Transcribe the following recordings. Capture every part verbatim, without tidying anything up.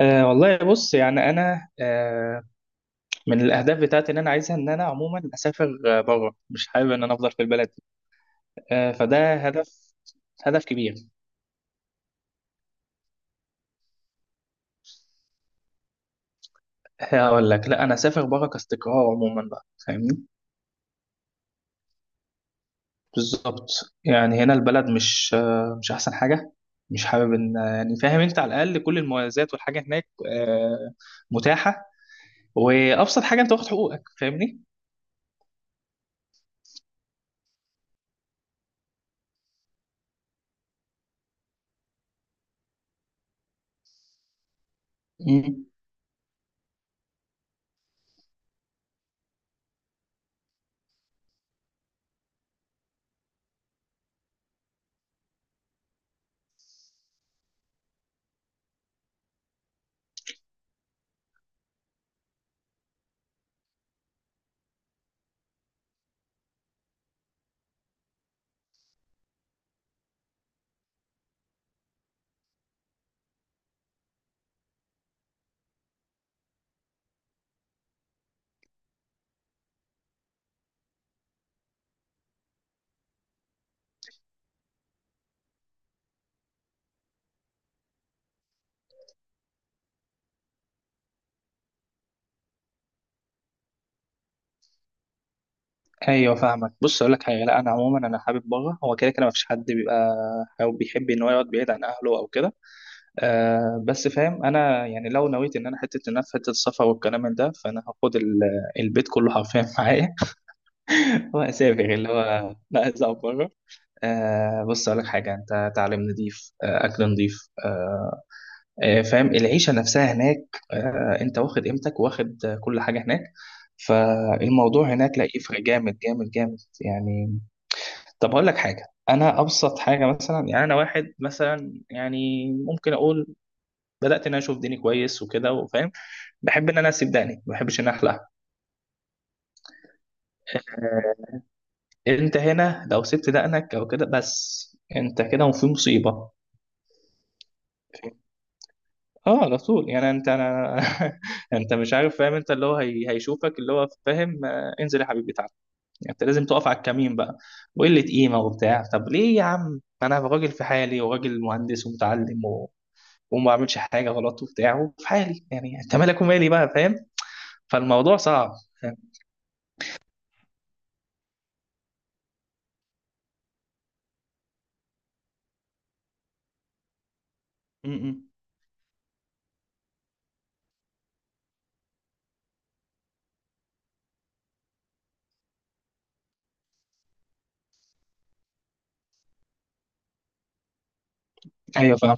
أه والله بص، يعني انا أه من الاهداف بتاعتي ان انا عايزها، ان انا عموما اسافر آه، بره. مش حابب ان انا افضل في البلد. أه فده هدف هدف كبير. هقول لك لا، انا اسافر بره كاستقرار عموما بقى، فاهمني؟ بالظبط. يعني هنا البلد مش آه، مش احسن حاجه. مش حابب ان، يعني فاهم انت، على الاقل كل المميزات والحاجه هناك آه، متاحه، وابسط حاجه انت واخد حقوقك. فاهمني؟ ايوه فاهمك. بص اقول لك حاجه، لا انا عموما انا حابب بره، هو كده كده ما فيش حد بيبقى او بيحب ان هو يقعد بعيد عن اهله او كده. آه بس فاهم انا، يعني لو نويت ان انا حته، ان انا في حته السفر والكلام من ده، فانا هاخد ال- البيت كله حرفيا معايا، واسافر، اللي هو لا، عايز اقعد بره. آه، بص اقول لك حاجه، انت تعليم نظيف، آه اكل نظيف، آه آه، فاهم العيشه نفسها هناك. آه، انت واخد قيمتك، واخد آه، كل حاجه هناك. فالموضوع هناك لا يفرق، جامد جامد جامد يعني. طب اقول لك حاجه، انا ابسط حاجه مثلا، يعني انا واحد مثلا يعني ممكن اقول بدات ان انا اشوف ديني كويس وكده وفاهم، بحب ان انا اسيب دقني، ما بحبش ان أنا احلقها. انت هنا لو سبت دقنك او كده، بس انت كده وفي مصيبه. اه، على طول، يعني انت، انا انت مش عارف، فاهم انت اللي هو هي... هيشوفك اللي هو فاهم، آه، انزل يا حبيبي تعالى. يعني انت لازم تقف على الكمين بقى، وقله قيمه وبتاع. طب ليه يا عم، انا راجل في حالي وراجل مهندس ومتعلم، وما بعملش حاجه غلط وبتاع وفي حالي، يعني انت مالك ومالي بقى، فاهم؟ فالموضوع صعب. م-م. ايوه فاهم.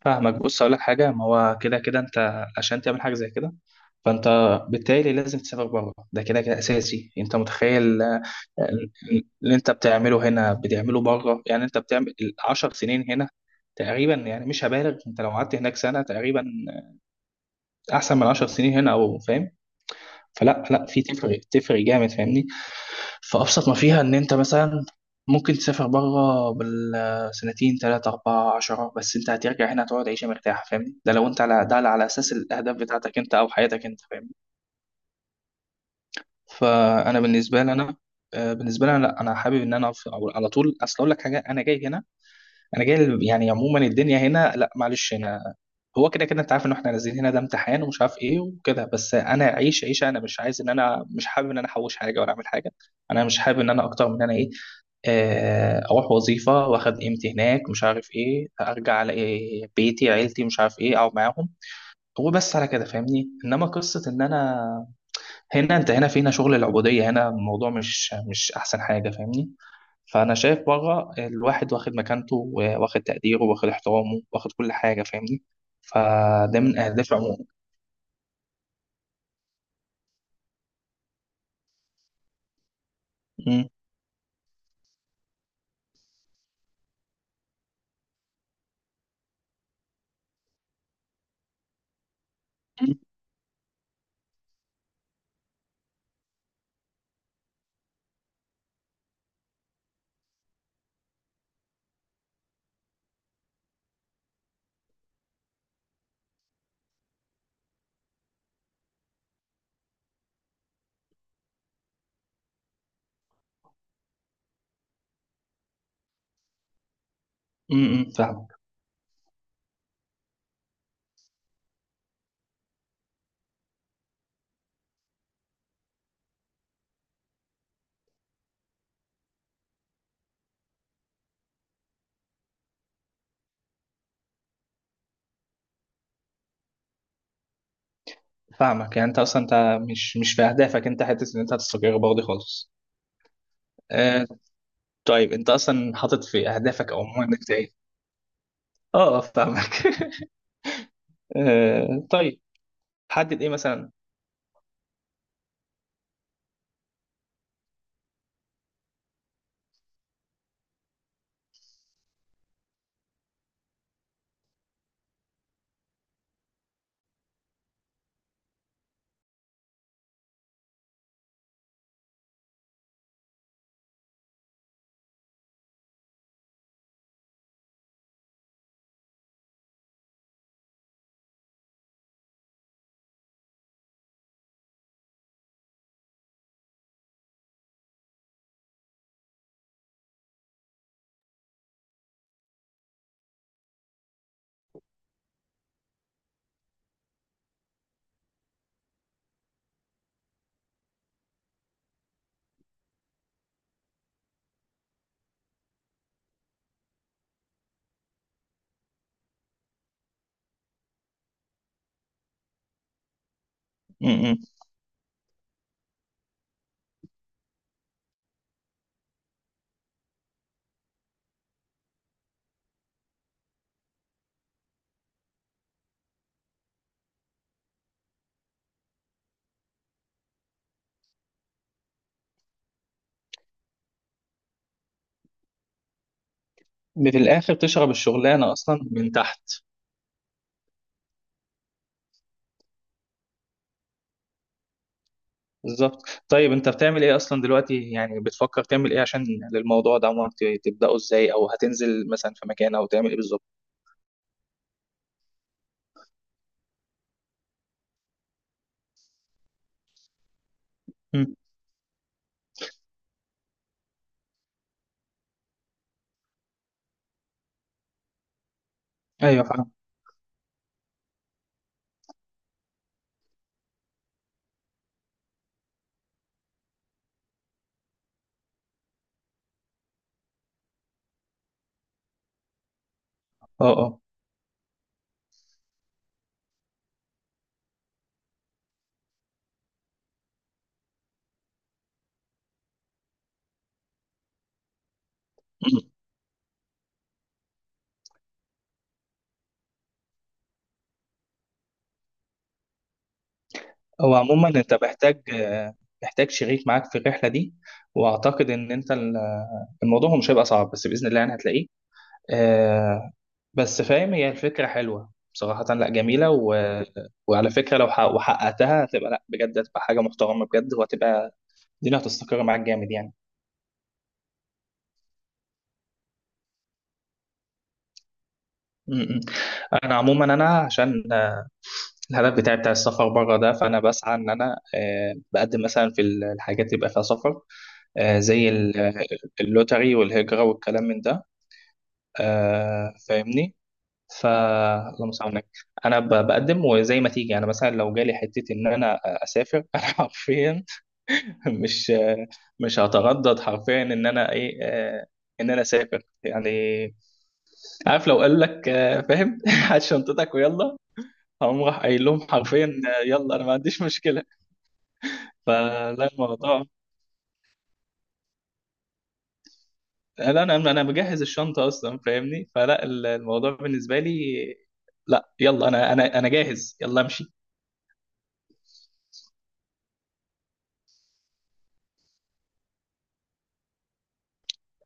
فاهمك. بص اقول لك حاجه، ما هو كده كده انت عشان تعمل حاجه زي كده فانت بالتالي لازم تسافر بره، ده كده كده اساسي. انت متخيل؟ آه، اللي انت بتعمله هنا بتعمله بره. يعني انت بتعمل 10 سنين هنا تقريبا، يعني مش هبالغ، انت لو قعدت هناك سنه تقريبا، احسن من 10 سنين هنا، او فاهم. فلا لا، في تفرق تفرق جامد، فاهمني؟ فأبسط ما فيها إن أنت مثلا ممكن تسافر بره بالسنتين تلاتة أربعة عشرة، بس أنت هترجع هنا هتقعد عيشة مرتاحة. فاهمني؟ ده لو أنت على ده، على أساس الأهداف بتاعتك أنت أو حياتك أنت. فاهمني؟ فأنا بالنسبة لي أنا آه، بالنسبة لي أنا، لأ أنا حابب إن أنا في- أو على طول، أصل أقول لك حاجة. أنا جاي هنا، أنا جاي ل- يعني عموما الدنيا هنا، لأ معلش، هنا هو كده كده، أنت عارف إن إحنا نازلين هنا ده امتحان ومش عارف إيه وكده. بس أنا أعيش عيشة، أنا مش عايز إن أنا، مش حابب إن أنا أحوش حاجة ولا أعمل حاجة. أنا مش حابب إن أنا أكتر من أنا إيه. آه، اروح وظيفه واخد قيمتي هناك مش عارف ايه، ارجع على إيه بيتي عيلتي مش عارف ايه، اقعد معاهم وبس. على كده فاهمني. انما قصه ان انا هنا، انت هنا فينا شغل العبوديه، هنا الموضوع مش مش احسن حاجه، فاهمني؟ فانا شايف بره الواحد واخد مكانته واخد تقديره واخد احترامه واخد كل حاجه، فاهمني؟ فده من اهدافي عموما. م- م- م- فاهمك فاهمك. يعني انت اصلا انت مش مش في اهدافك، انت حته ان انت هتستقر برضه خالص. آه، طيب انت اصلا حاطط في اهدافك او مهمك ايه؟ اه آه، فاهمك آه، طيب، حدد ايه مثلا؟ م- م. في الاخر تشرب الشغلانه اصلا من تحت. بالظبط. طيب انت بتعمل ايه اصلا دلوقتي؟ يعني بتفكر تعمل ايه عشان للموضوع ده، عمرك ت- تبداه ازاي، او هتنزل مثلا في مكان، او تعمل ايه بالظبط؟ م. ايوه فاهم. اه اه. م. هو عموما انت محتاج، آه، محتاج شريك معاك في الرحله دي. واعتقد ان انت ال- الموضوع مش هيبقى صعب، بس باذن الله يعني هتلاقيه. آه، بس فاهم، هي الفكرة حلوة بصراحة، لا جميلة. و... وعلى فكرة لو ح... وحققتها، هتبقى لا بجد، هتبقى حاجة محترمة بجد، وهتبقى الدنيا هتستقر معاك جامد يعني. م- م. أنا عموما أنا، عشان آه، الهدف بتاعي بتاع السفر بره ده، فأنا بسعى إن أنا آه، بقدم مثلا في ال- الحاجات اللي يبقى فيها سفر، آه، زي ال- اللوتري والهجرة والكلام من ده. آه، فاهمني؟ ف اللهم صل على النبي. انا ب- بقدم، وزي ما تيجي انا مثلا لو جالي حته ان انا اسافر انا حرفيا مش مش هتردد حرفيا ان انا ايه، آه، ان انا اسافر يعني. عارف لو قال لك آه، فاهم هات شنطتك ويلا، هقوم راح قايل لهم حرفيا، آه، يلا انا ما عنديش مشكله. فلا الموضوع، لا، انا انا مجهز الشنطه اصلا فاهمني، فلا ال- الموضوع بالنسبه لي، لا، يلا انا انا انا جاهز، يلا امشي.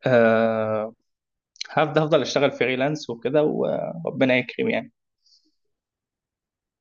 أه، هفضل هفضل اشتغل فريلانس وكده، وربنا يكرم يعني.